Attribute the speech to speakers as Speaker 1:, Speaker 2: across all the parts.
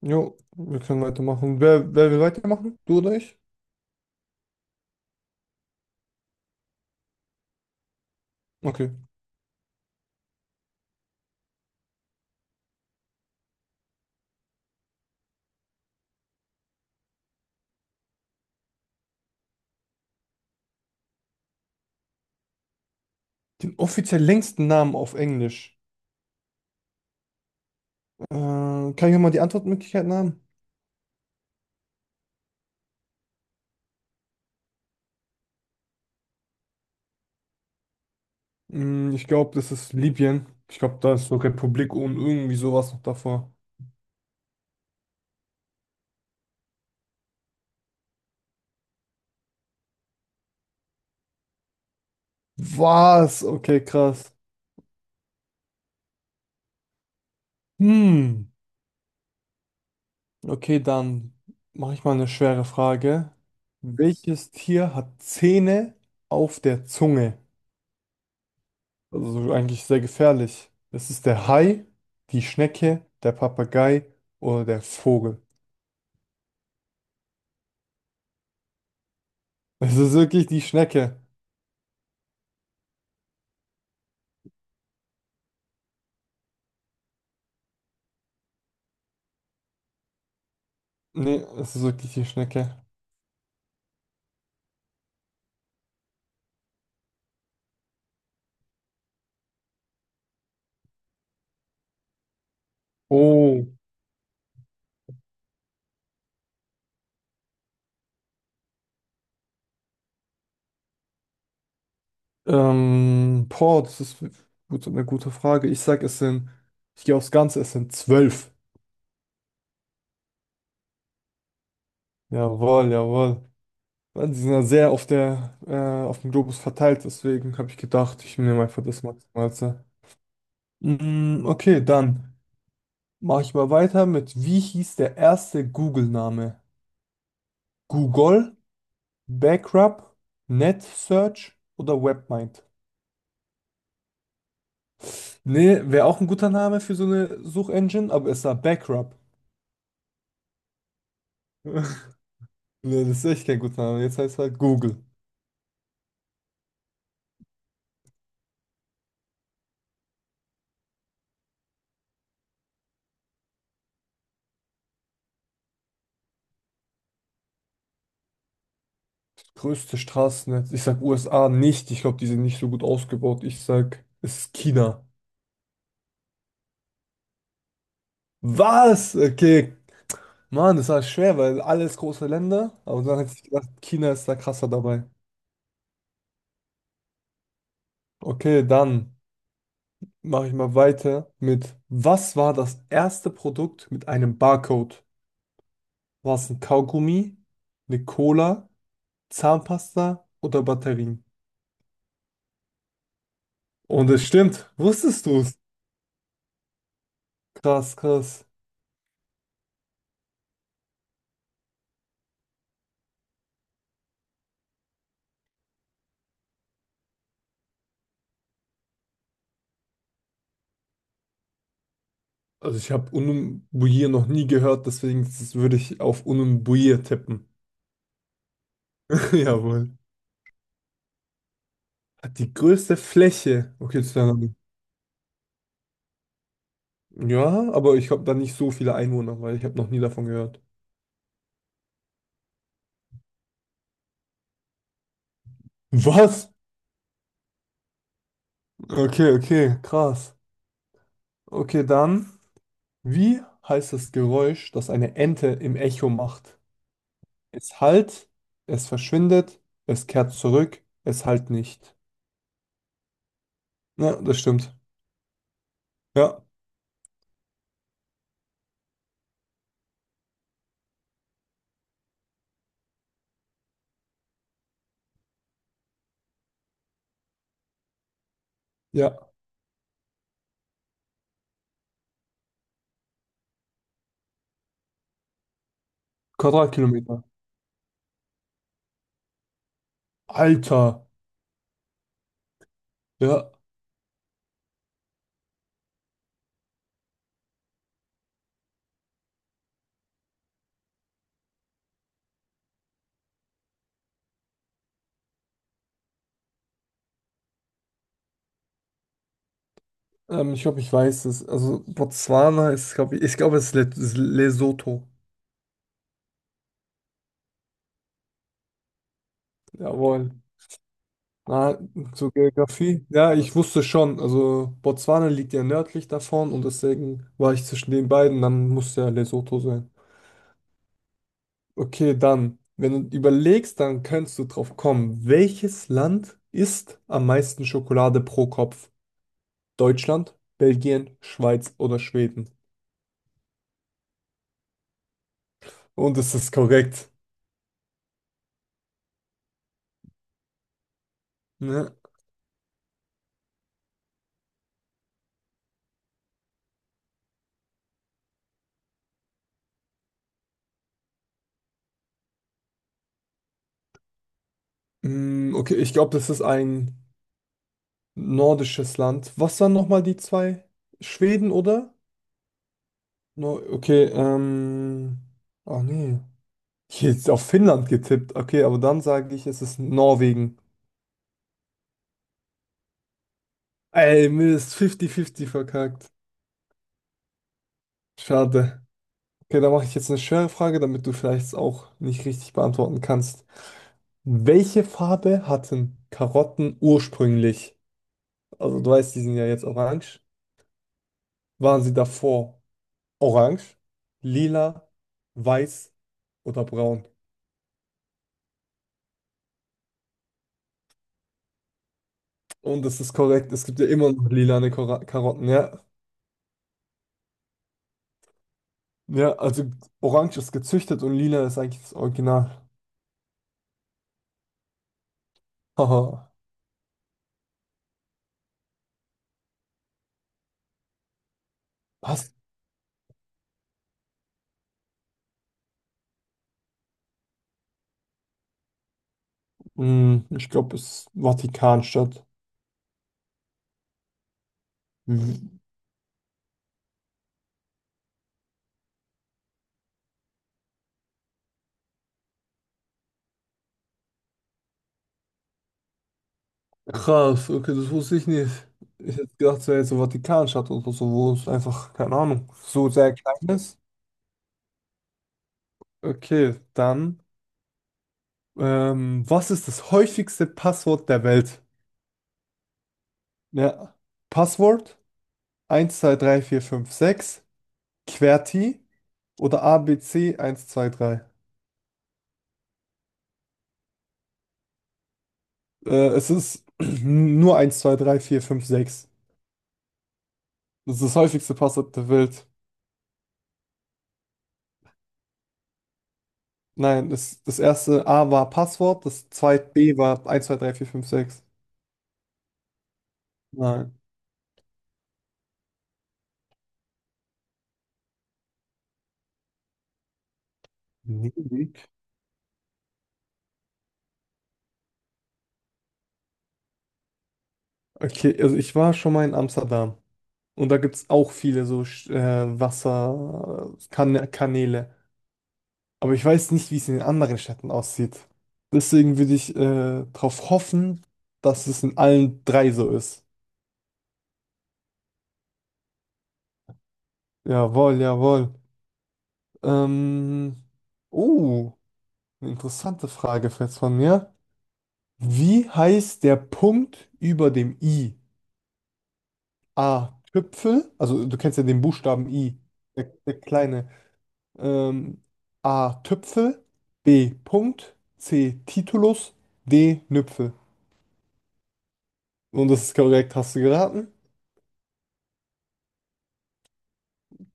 Speaker 1: Jo, wir können weitermachen. Wer will weitermachen? Du oder ich? Okay. Den offiziell längsten Namen auf Englisch. Kann ich mir mal die Antwortmöglichkeiten haben? Ich glaube, das ist Libyen. Ich glaube, da ist so Republik und irgendwie sowas noch davor. Was? Okay, krass. Hm. Okay, dann mache ich mal eine schwere Frage. Welches Tier hat Zähne auf der Zunge? Also so eigentlich sehr gefährlich. Es ist der Hai, die Schnecke, der Papagei oder der Vogel. Es ist wirklich die Schnecke. Nee, es ist wirklich die Schnecke. Oh. Boah, das ist gut, eine gute Frage. Ich sag, es sind, ich gehe aufs Ganze, es sind zwölf. Jawohl, jawohl. Mann, die sind ja sehr auf dem Globus verteilt, deswegen habe ich gedacht, ich nehme einfach das Maximalste. Okay, dann mache ich mal weiter mit, wie hieß der erste Google-Name? Google, Backrub, NetSearch oder Webmind. Nee, wäre auch ein guter Name für so eine Suchengine, aber es war Backrub. Nee, das ist echt kein guter Name. Jetzt heißt es halt Google. Größte Straßennetz. Ich sag USA nicht. Ich glaube, die sind nicht so gut ausgebaut. Ich sag, es ist China. Was? Okay. Mann, das war schwer, weil alles große Länder. Aber dann hätte ich gedacht, China ist da krasser dabei. Okay, dann mache ich mal weiter mit, was war das erste Produkt mit einem Barcode? War es ein Kaugummi, eine Cola, Zahnpasta oder Batterien? Und es stimmt, wusstest du es? Krass, krass. Also ich habe Unumbuier noch nie gehört, deswegen würde ich auf Unumbuier tippen. Jawohl. Hat die größte Fläche. Okay, das wär dann- ja, aber ich habe da nicht so viele Einwohner, weil ich habe noch nie davon gehört. Was? Okay, okay, krass. Okay, dann. Wie heißt das Geräusch, das eine Ente im Echo macht? Es halt, es verschwindet, es kehrt zurück, es halt nicht. Ja, das stimmt. Ja, ja. Quadratkilometer. Alter. Ja. Ich glaube, ich weiß es. Also Botswana ist, glaube ich, ich glaube, es ist es ist Lesotho. Jawohl. Na, zur Geografie. Ja, ich wusste schon. Also Botswana liegt ja nördlich davon und deswegen war ich zwischen den beiden. Dann muss ja Lesotho sein. Okay, dann, wenn du überlegst, dann kannst du drauf kommen. Welches Land isst am meisten Schokolade pro Kopf? Deutschland, Belgien, Schweiz oder Schweden? Und es ist korrekt. Ne? Okay, ich glaube, das ist ein nordisches Land. Was waren nochmal die zwei? Schweden, oder? No, okay. Ach nee. Hier jetzt auf Finnland getippt. Okay, aber dann sage ich, es ist Norwegen. Ey, Mist, 50-50 verkackt. Schade. Okay, da mache ich jetzt eine schwere Frage, damit du vielleicht auch nicht richtig beantworten kannst. Welche Farbe hatten Karotten ursprünglich? Also du weißt, die sind ja jetzt orange. Waren sie davor orange, lila, weiß oder braun? Und das ist korrekt, es gibt ja immer noch lilane Karotten, ja. Ja, also orange ist gezüchtet und lila ist eigentlich das Original. Haha. Was? Hm, ich glaube, es ist Vatikanstadt. Krass, okay, das wusste ich nicht. Ich hätte gedacht, es wäre jetzt so Vatikanstadt oder so, wo es einfach, keine Ahnung, so sehr klein ist. Okay, dann, was ist das häufigste Passwort der Welt? Ja, Passwort 1, 2, 3, 4, 5, 6, QWERTY oder ABC 1, 2, 3. Es ist nur 1, 2, 3, 4, 5, 6. Das ist das häufigste Passwort der Welt. Nein, das erste A war Passwort, das zweite B war 1, 2, 3, 4, 5, 6. Nein. Venedig? Okay, also ich war schon mal in Amsterdam und da gibt es auch viele so Wasserkanäle. Aber ich weiß nicht, wie es in den anderen Städten aussieht. Deswegen würde ich darauf hoffen, dass es in allen drei so ist. Jawohl, jawohl. Ähm, oh, eine interessante Frage jetzt von mir. Wie heißt der Punkt über dem I? A. Tüpfel, also du kennst ja den Buchstaben I, der kleine. Ähm, A. Tüpfel, B. Punkt, C. Titulus, D. Nüpfel. Und das ist korrekt, hast du geraten?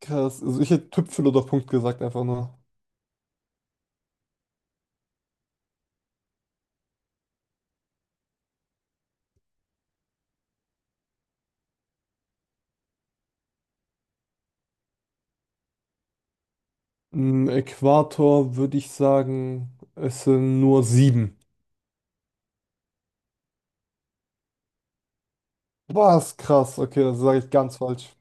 Speaker 1: Krass, also ich hätte Tüpfel oder Punkt gesagt, einfach nur. Im Äquator würde ich sagen, es sind nur sieben. Was krass, okay, das sage ich ganz falsch.